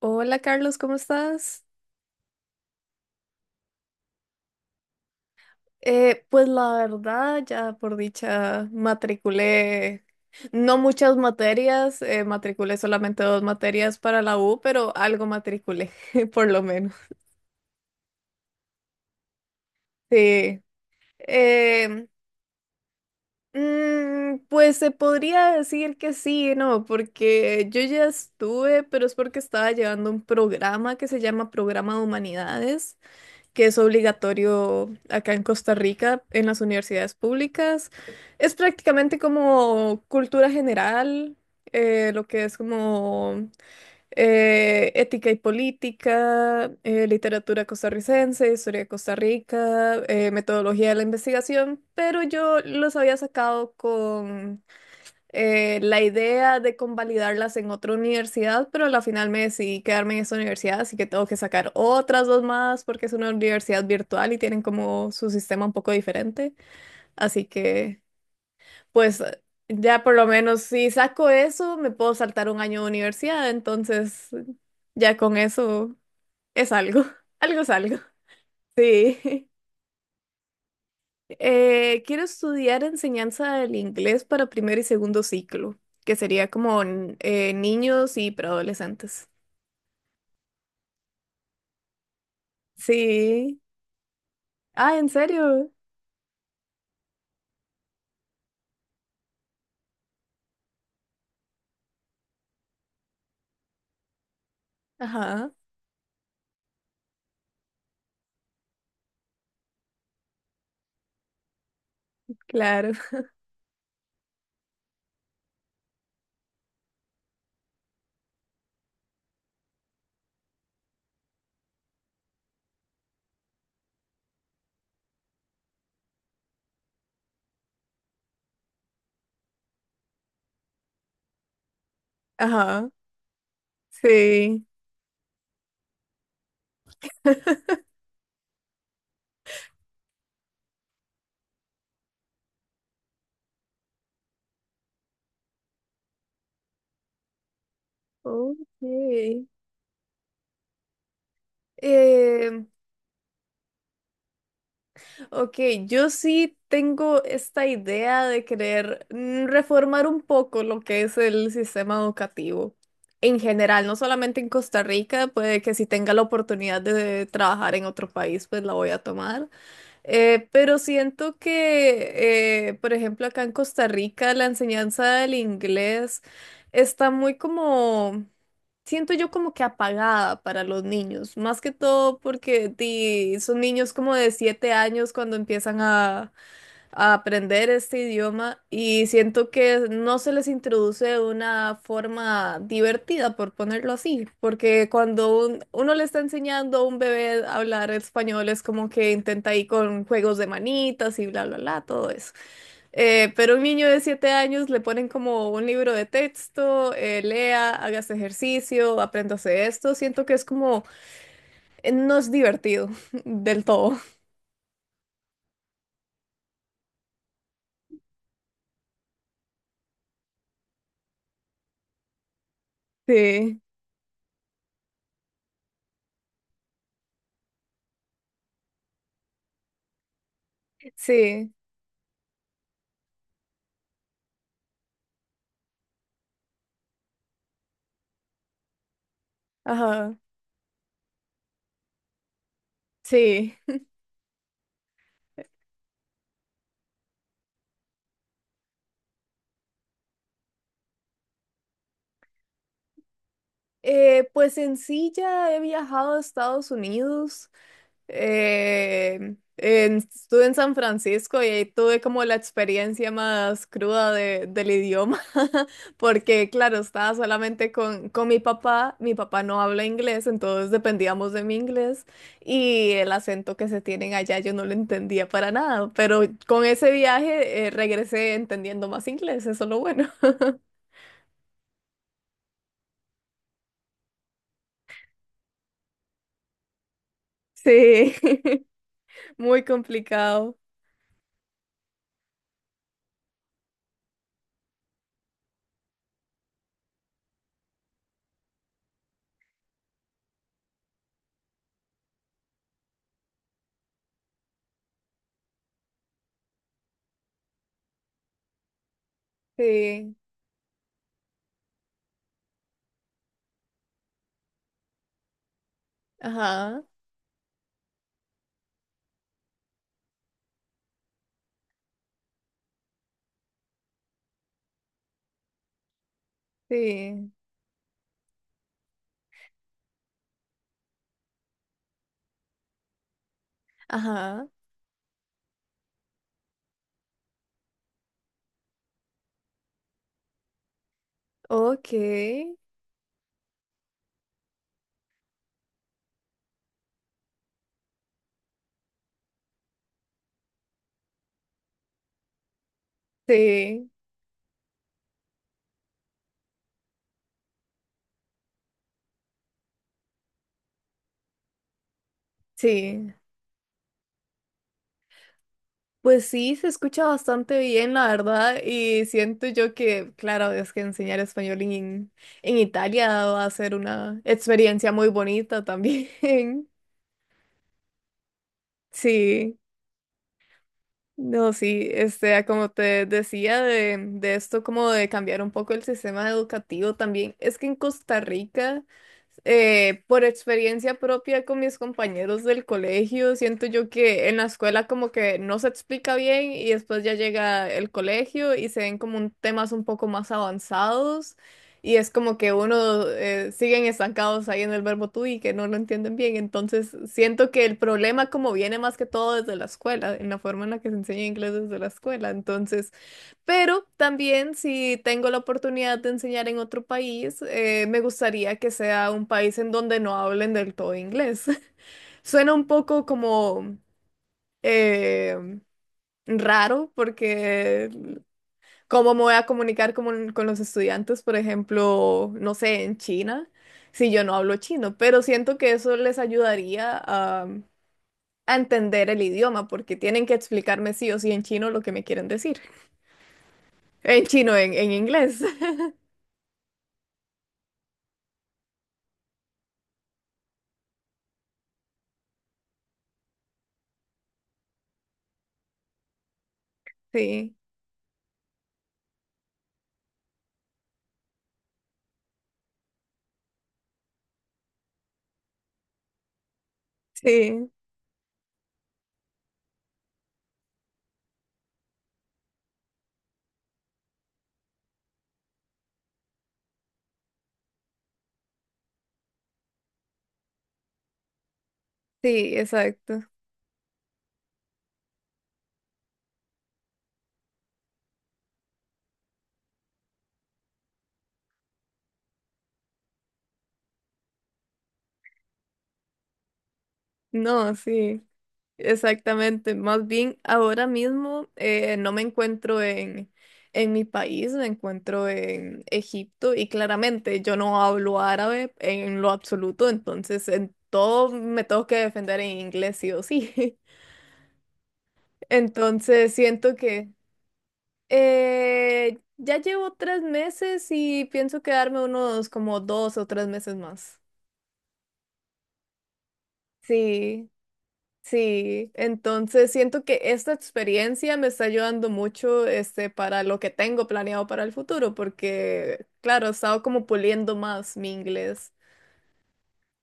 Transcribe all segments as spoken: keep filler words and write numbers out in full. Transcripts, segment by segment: Hola Carlos, ¿cómo estás? Eh, pues la verdad, ya por dicha, matriculé no muchas materias, eh, matriculé solamente dos materias para la U, pero algo matriculé, por lo menos. Sí. Eh, mm, pues se podría decir que sí, ¿no? Porque yo ya estuve, pero es porque estaba llevando un programa que se llama Programa de Humanidades, que es obligatorio acá en Costa Rica, en las universidades públicas. Es prácticamente como cultura general, eh, lo que es como eh, ética y política, eh, literatura costarricense, historia de Costa Rica, eh, metodología de la investigación, pero yo los había sacado con eh, la idea de convalidarlas en otra universidad, pero a la final me decidí quedarme en esa universidad, así que tengo que sacar otras dos más porque es una universidad virtual y tienen como su sistema un poco diferente. Así que, pues, ya por lo menos si saco eso, me puedo saltar un año de universidad, entonces ya con eso es algo, algo es algo. Sí. Eh, quiero estudiar enseñanza del inglés para primer y segundo ciclo, que sería como n- eh, niños y preadolescentes. Sí. Ah, ¿en serio? Ajá, claro. Ajá, sí. Ok. Em, Ok, yo sí tengo esta idea de querer mm, reformar un poco lo que es el sistema educativo en general, no solamente en Costa Rica, puede que si tenga la oportunidad de trabajar en otro país, pues la voy a tomar. Eh, pero siento que, eh, por ejemplo, acá en Costa Rica la enseñanza del inglés está muy como siento yo como que apagada para los niños, más que todo porque di, son niños como de siete años cuando empiezan a, a aprender este idioma y siento que no se les introduce de una forma divertida, por ponerlo así, porque cuando un- uno le está enseñando a un bebé a hablar español es como que intenta ir con juegos de manitas y bla, bla, bla, todo eso. Eh, pero a un niño de siete años le ponen como un libro de texto, eh, lea, hagas ejercicio, apréndase esto. Siento que es como, eh, no es divertido del todo. Sí, sí, ajá, sí. Eh, pues en sí ya he viajado a Estados Unidos. eh, en- estuve en San Francisco y ahí tuve como la experiencia más cruda de- del idioma, porque claro, estaba solamente con, con mi papá. Mi papá no habla inglés, entonces dependíamos de mi inglés y el acento que se tienen allá yo no lo entendía para nada, pero con ese viaje eh, regresé entendiendo más inglés, eso es lo bueno. Sí, muy complicado. Sí, ajá, sí, ajá, ok, sí, sí. Pues sí, se escucha bastante bien, la verdad, y siento yo que, claro, es que enseñar español en, en, Italia va a ser una experiencia muy bonita también. Sí. No, sí, este, a como te decía de, de esto, como de cambiar un poco el sistema educativo también, es que en Costa Rica, eh, por experiencia propia con mis compañeros del colegio, siento yo que en la escuela como que no se explica bien y después ya llega el colegio y se ven como un temas un poco más avanzados. Y es como que uno eh, siguen estancados ahí en el verbo tú y que no lo entienden bien. Entonces, siento que el problema como viene más que todo desde la escuela, en la forma en la que se enseña inglés desde la escuela. Entonces, pero también si tengo la oportunidad de enseñar en otro país, eh, me gustaría que sea un país en donde no hablen del todo inglés. Suena un poco como eh, raro porque ¿cómo me voy a comunicar con, con los estudiantes, por ejemplo, no sé, en China, si yo no hablo chino? Pero siento que eso les ayudaría a, a, entender el idioma, porque tienen que explicarme sí o sí en chino lo que me quieren decir. En chino, en, en, inglés. Sí, sí, sí, exacto. No, sí. Exactamente, más bien ahora mismo eh, no me encuentro en, en mi país, me encuentro en Egipto y claramente yo no hablo árabe en lo absoluto, entonces en todo me tengo que defender en inglés sí o sí. Entonces siento que eh, ya llevo tres meses y pienso quedarme unos como dos o tres meses más. Sí. Sí, entonces siento que esta experiencia me está ayudando mucho este, para lo que tengo planeado para el futuro, porque claro, he estado como puliendo más mi inglés,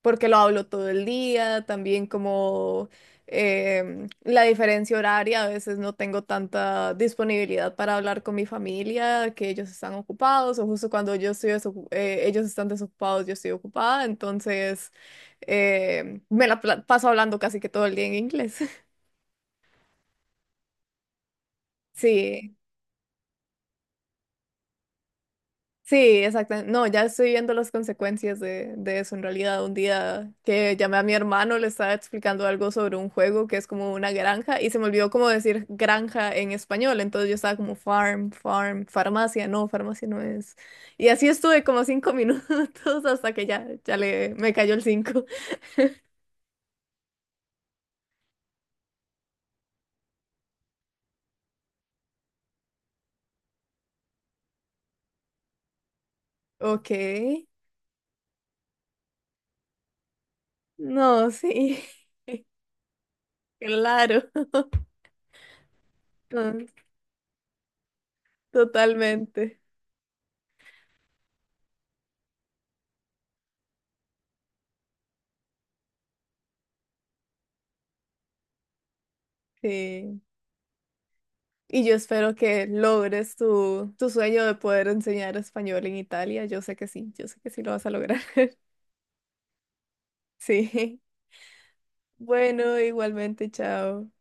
porque lo hablo todo el día, también como em, la diferencia horaria, a veces no tengo tanta disponibilidad para hablar con mi familia, que ellos están ocupados, o justo cuando yo estoy desocu- eh, ellos están desocupados, yo estoy ocupada, entonces em, me la pla- paso hablando casi que todo el día en inglés. Sí, sí, exactamente. No, ya estoy viendo las consecuencias de, de, eso en realidad. Un día que llamé a mi hermano, le estaba explicando algo sobre un juego que es como una granja y se me olvidó cómo decir granja en español. Entonces yo estaba como farm, farm, farmacia, no, farmacia no es. Y así estuve como cinco minutos hasta que ya, ya le, me cayó el cinco. Ok, no, sí, claro, Totalmente, sí. Y yo espero que logres tu, tu, sueño de poder enseñar español en Italia. Yo sé que sí, yo sé que sí lo vas a lograr. Sí. Bueno, igualmente, chao.